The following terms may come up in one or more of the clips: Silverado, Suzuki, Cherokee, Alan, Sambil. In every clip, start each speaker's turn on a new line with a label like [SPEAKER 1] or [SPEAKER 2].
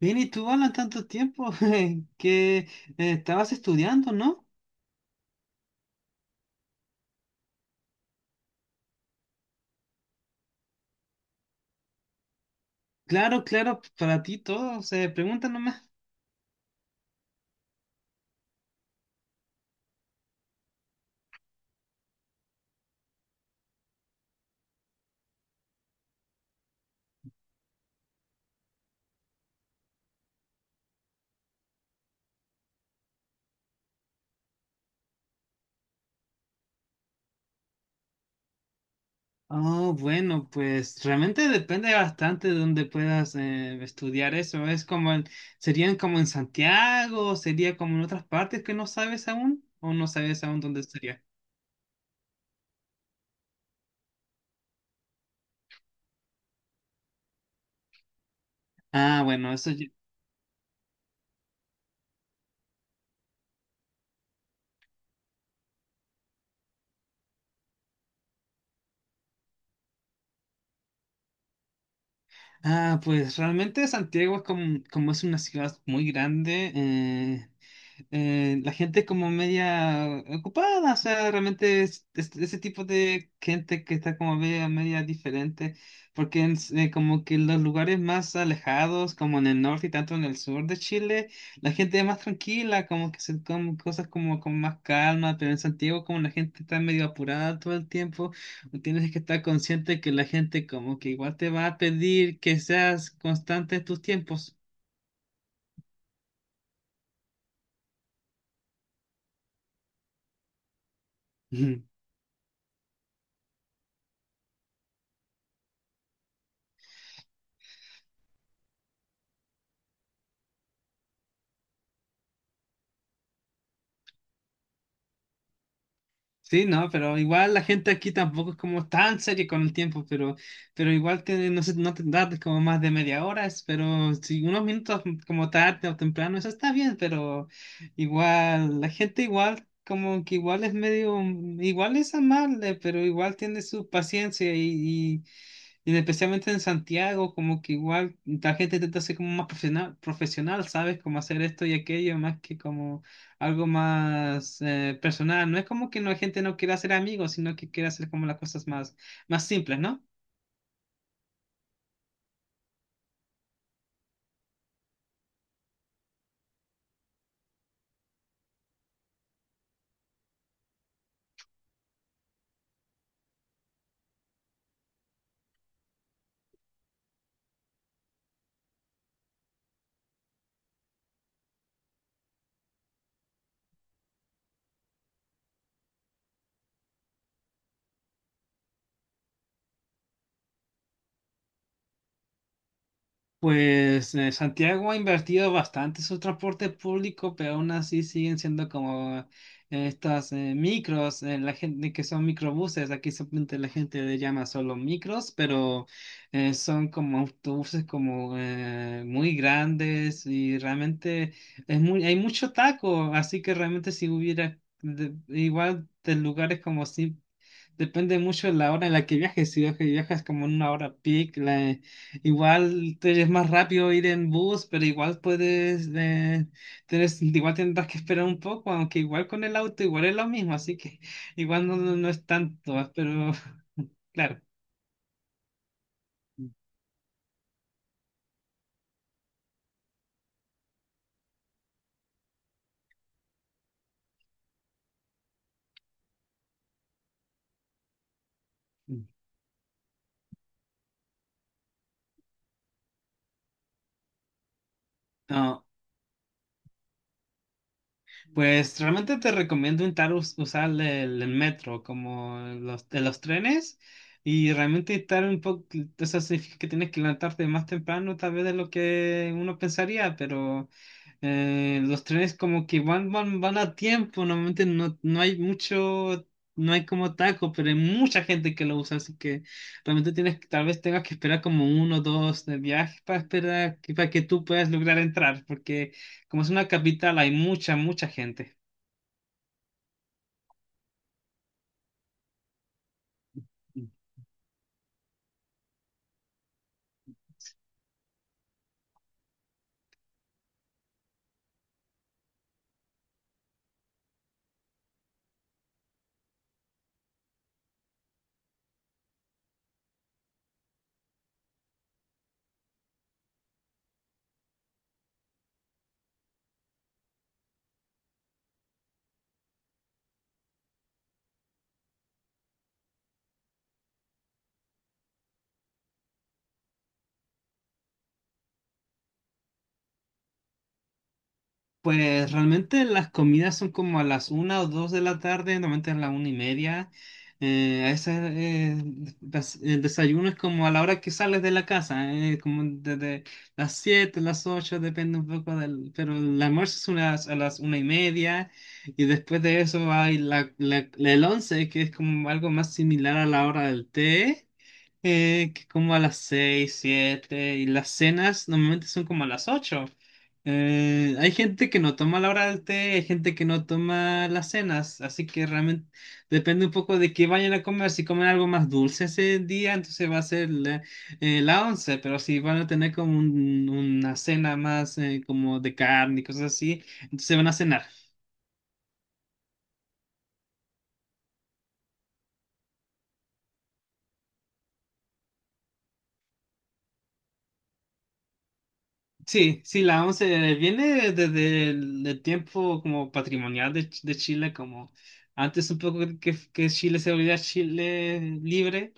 [SPEAKER 1] Bien, ¿y tú, Alan? Tanto tiempo que estabas estudiando, ¿no? Claro, claro, para ti todo, se pregunta nomás. Oh, bueno, pues realmente depende bastante de dónde puedas estudiar eso. Es como serían como en Santiago, o sería como en otras partes que no sabes aún, o no sabes aún dónde sería. Ah, bueno, eso ya- Ah, pues realmente Santiago es como es una ciudad muy grande, la gente es como media ocupada. O sea, realmente es ese tipo de gente que está como media, media diferente, porque como que en los lugares más alejados, como en el norte y tanto en el sur de Chile, la gente es más tranquila, como que se comen cosas como con más calma, pero en Santiago como la gente está medio apurada todo el tiempo. Tienes que estar consciente que la gente como que igual te va a pedir que seas constante en tus tiempos. Sí, no, pero igual la gente aquí tampoco es como tan seria con el tiempo, pero igual te, no sé, no te tardes como más de media hora. Pero si unos minutos como tarde o temprano, eso está bien, pero igual, la gente igual, como que igual es medio, igual es amable, pero igual tiene su paciencia y, especialmente en Santiago, como que igual la gente intenta ser como más profesional, profesional, ¿sabes? Como hacer esto y aquello, más que como algo más personal. No es como que la gente no quiera hacer amigos, sino que quiere hacer como las cosas más, más simples, ¿no? Pues Santiago ha invertido bastante en su transporte público, pero aún así siguen siendo como estas micros, la gente que son microbuses. Aquí simplemente la gente le llama solo micros, pero son como autobuses como muy grandes. Y realmente es muy, hay mucho taco, así que realmente si hubiera igual de lugares como si... Depende mucho de la hora en la que viajes. Si viajas como en una hora peak, igual te es más rápido ir en bus, pero igual puedes, igual tendrás que esperar un poco, aunque igual con el auto igual es lo mismo, así que igual no es tanto, pero claro. No. Pues realmente te recomiendo intentar usar el metro como de los trenes y realmente estar un poco. Eso significa que tienes que levantarte más temprano tal vez de lo que uno pensaría, pero los trenes como que van a tiempo, normalmente no hay mucho, no hay como taco, pero hay mucha gente que lo usa. Así que realmente tienes, tal vez tengas que esperar como uno o dos de viajes para esperar, para que tú puedas lograr entrar, porque como es una capital, hay mucha, mucha gente. Pues realmente las comidas son como a las una o dos de la tarde, normalmente a las 1:30. A veces, el desayuno es como a la hora que sales de la casa, como desde las siete, las ocho, depende un poco del. Pero el almuerzo es unas, a las 1:30 y después de eso hay el once, que es como algo más similar a la hora del té. Que como a las 6 7 y las cenas normalmente son como a las ocho. Hay gente que no toma la hora del té, hay gente que no toma las cenas, así que realmente depende un poco de qué vayan a comer. Si comen algo más dulce ese día, entonces va a ser la once, pero si van a tener como una cena más como de carne y cosas así, entonces van a cenar. Sí, sí, la 11 viene desde el tiempo como patrimonial de Chile, como antes un poco que Chile se volvía Chile libre,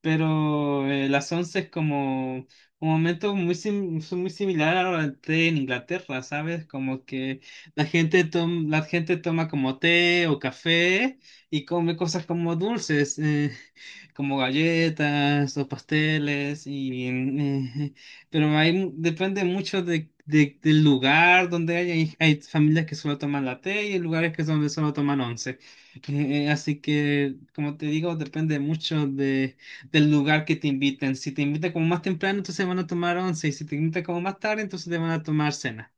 [SPEAKER 1] pero las 11 es como un momento muy, son muy similar a lo del té en Inglaterra, ¿sabes? Como que la gente, la gente toma como té o café y come cosas como dulces, como galletas o pasteles y... pero hay, depende mucho del lugar donde hay familias que solo toman latte y hay lugares que donde solo toman once. Eh, así que, como te digo, depende mucho del lugar que te inviten. Si te invitan como más temprano, entonces van a tomar once. Y si te invitan como más tarde, entonces te van a tomar cena.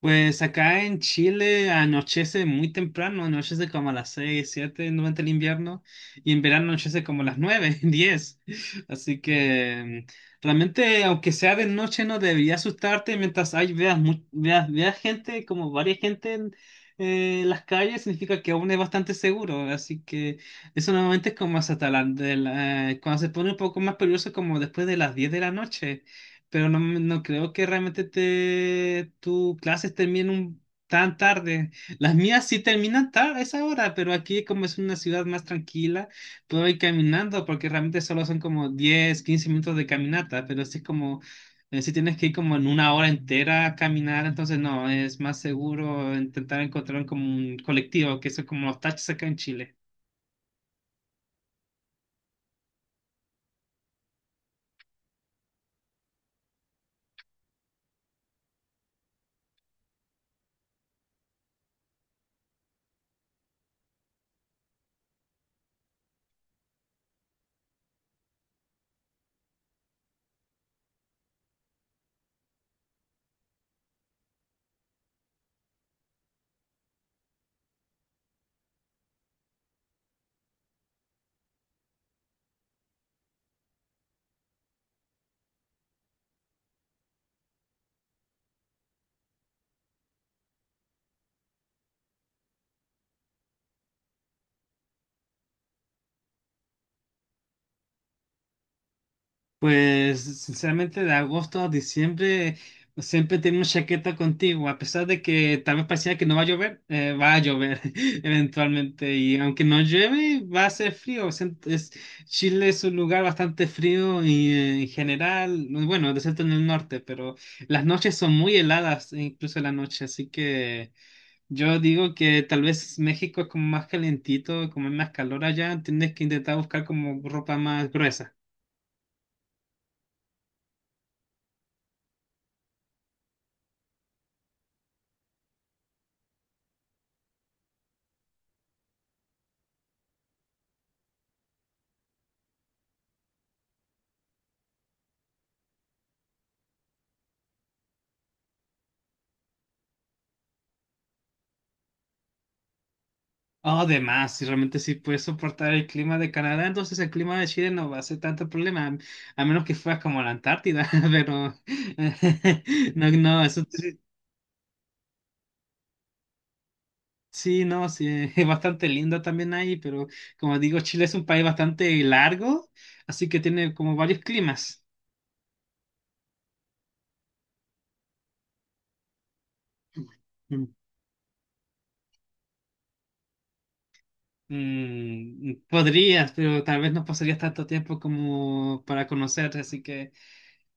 [SPEAKER 1] Pues acá en Chile anochece muy temprano, anochece como a las 6, 7 durante el invierno y en verano anochece como a las 9, 10. Así que realmente, aunque sea de noche, no debería asustarte mientras hay, veas, mu- veas, veas gente, como varias gente en las calles, significa que aún es bastante seguro. Así que eso normalmente es como hasta la- de la- cuando se pone un poco más peligroso, como después de las 10 de la noche. Pero no, no creo que realmente te, tus clases terminen tan tarde. Las mías sí terminan tarde a esa hora, pero aquí como es una ciudad más tranquila, puedo ir caminando porque realmente solo son como 10 o 15 minutos de caminata, pero sí es como, si tienes que ir como en una hora entera a caminar, entonces no, es más seguro intentar encontrar como un colectivo, que son como los taxis acá en Chile. Pues sinceramente de agosto a diciembre siempre tenemos chaqueta contigo, a pesar de que tal vez pareciera que no va a llover, va a llover eventualmente, y aunque no llueve va a ser frío. O sea, Chile es un lugar bastante frío y en general, bueno, excepto en el norte, pero las noches son muy heladas, e incluso la noche, así que... Yo digo que tal vez México es como más calentito, como es más calor allá, tienes que intentar buscar como ropa más gruesa. Oh, de más, si realmente sí puedes soportar el clima de Canadá, entonces el clima de Chile no va a ser tanto problema, a menos que fueras como a la Antártida, pero no, no, eso sí, sí, no, sí, es bastante lindo también ahí, pero como digo, Chile es un país bastante largo, así que tiene como varios climas. Mm. Podrías, pero tal vez no pasarías tanto tiempo como para conocer, así que,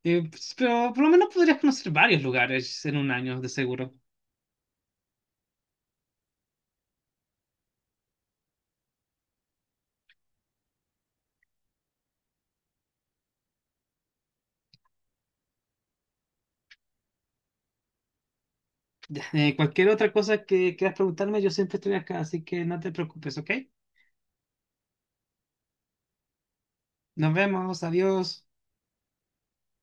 [SPEAKER 1] pues, pero por lo menos podrías conocer varios lugares en un año, de seguro. Cualquier otra cosa que quieras preguntarme, yo siempre estoy acá, así que no te preocupes, ¿ok? Nos vemos, adiós.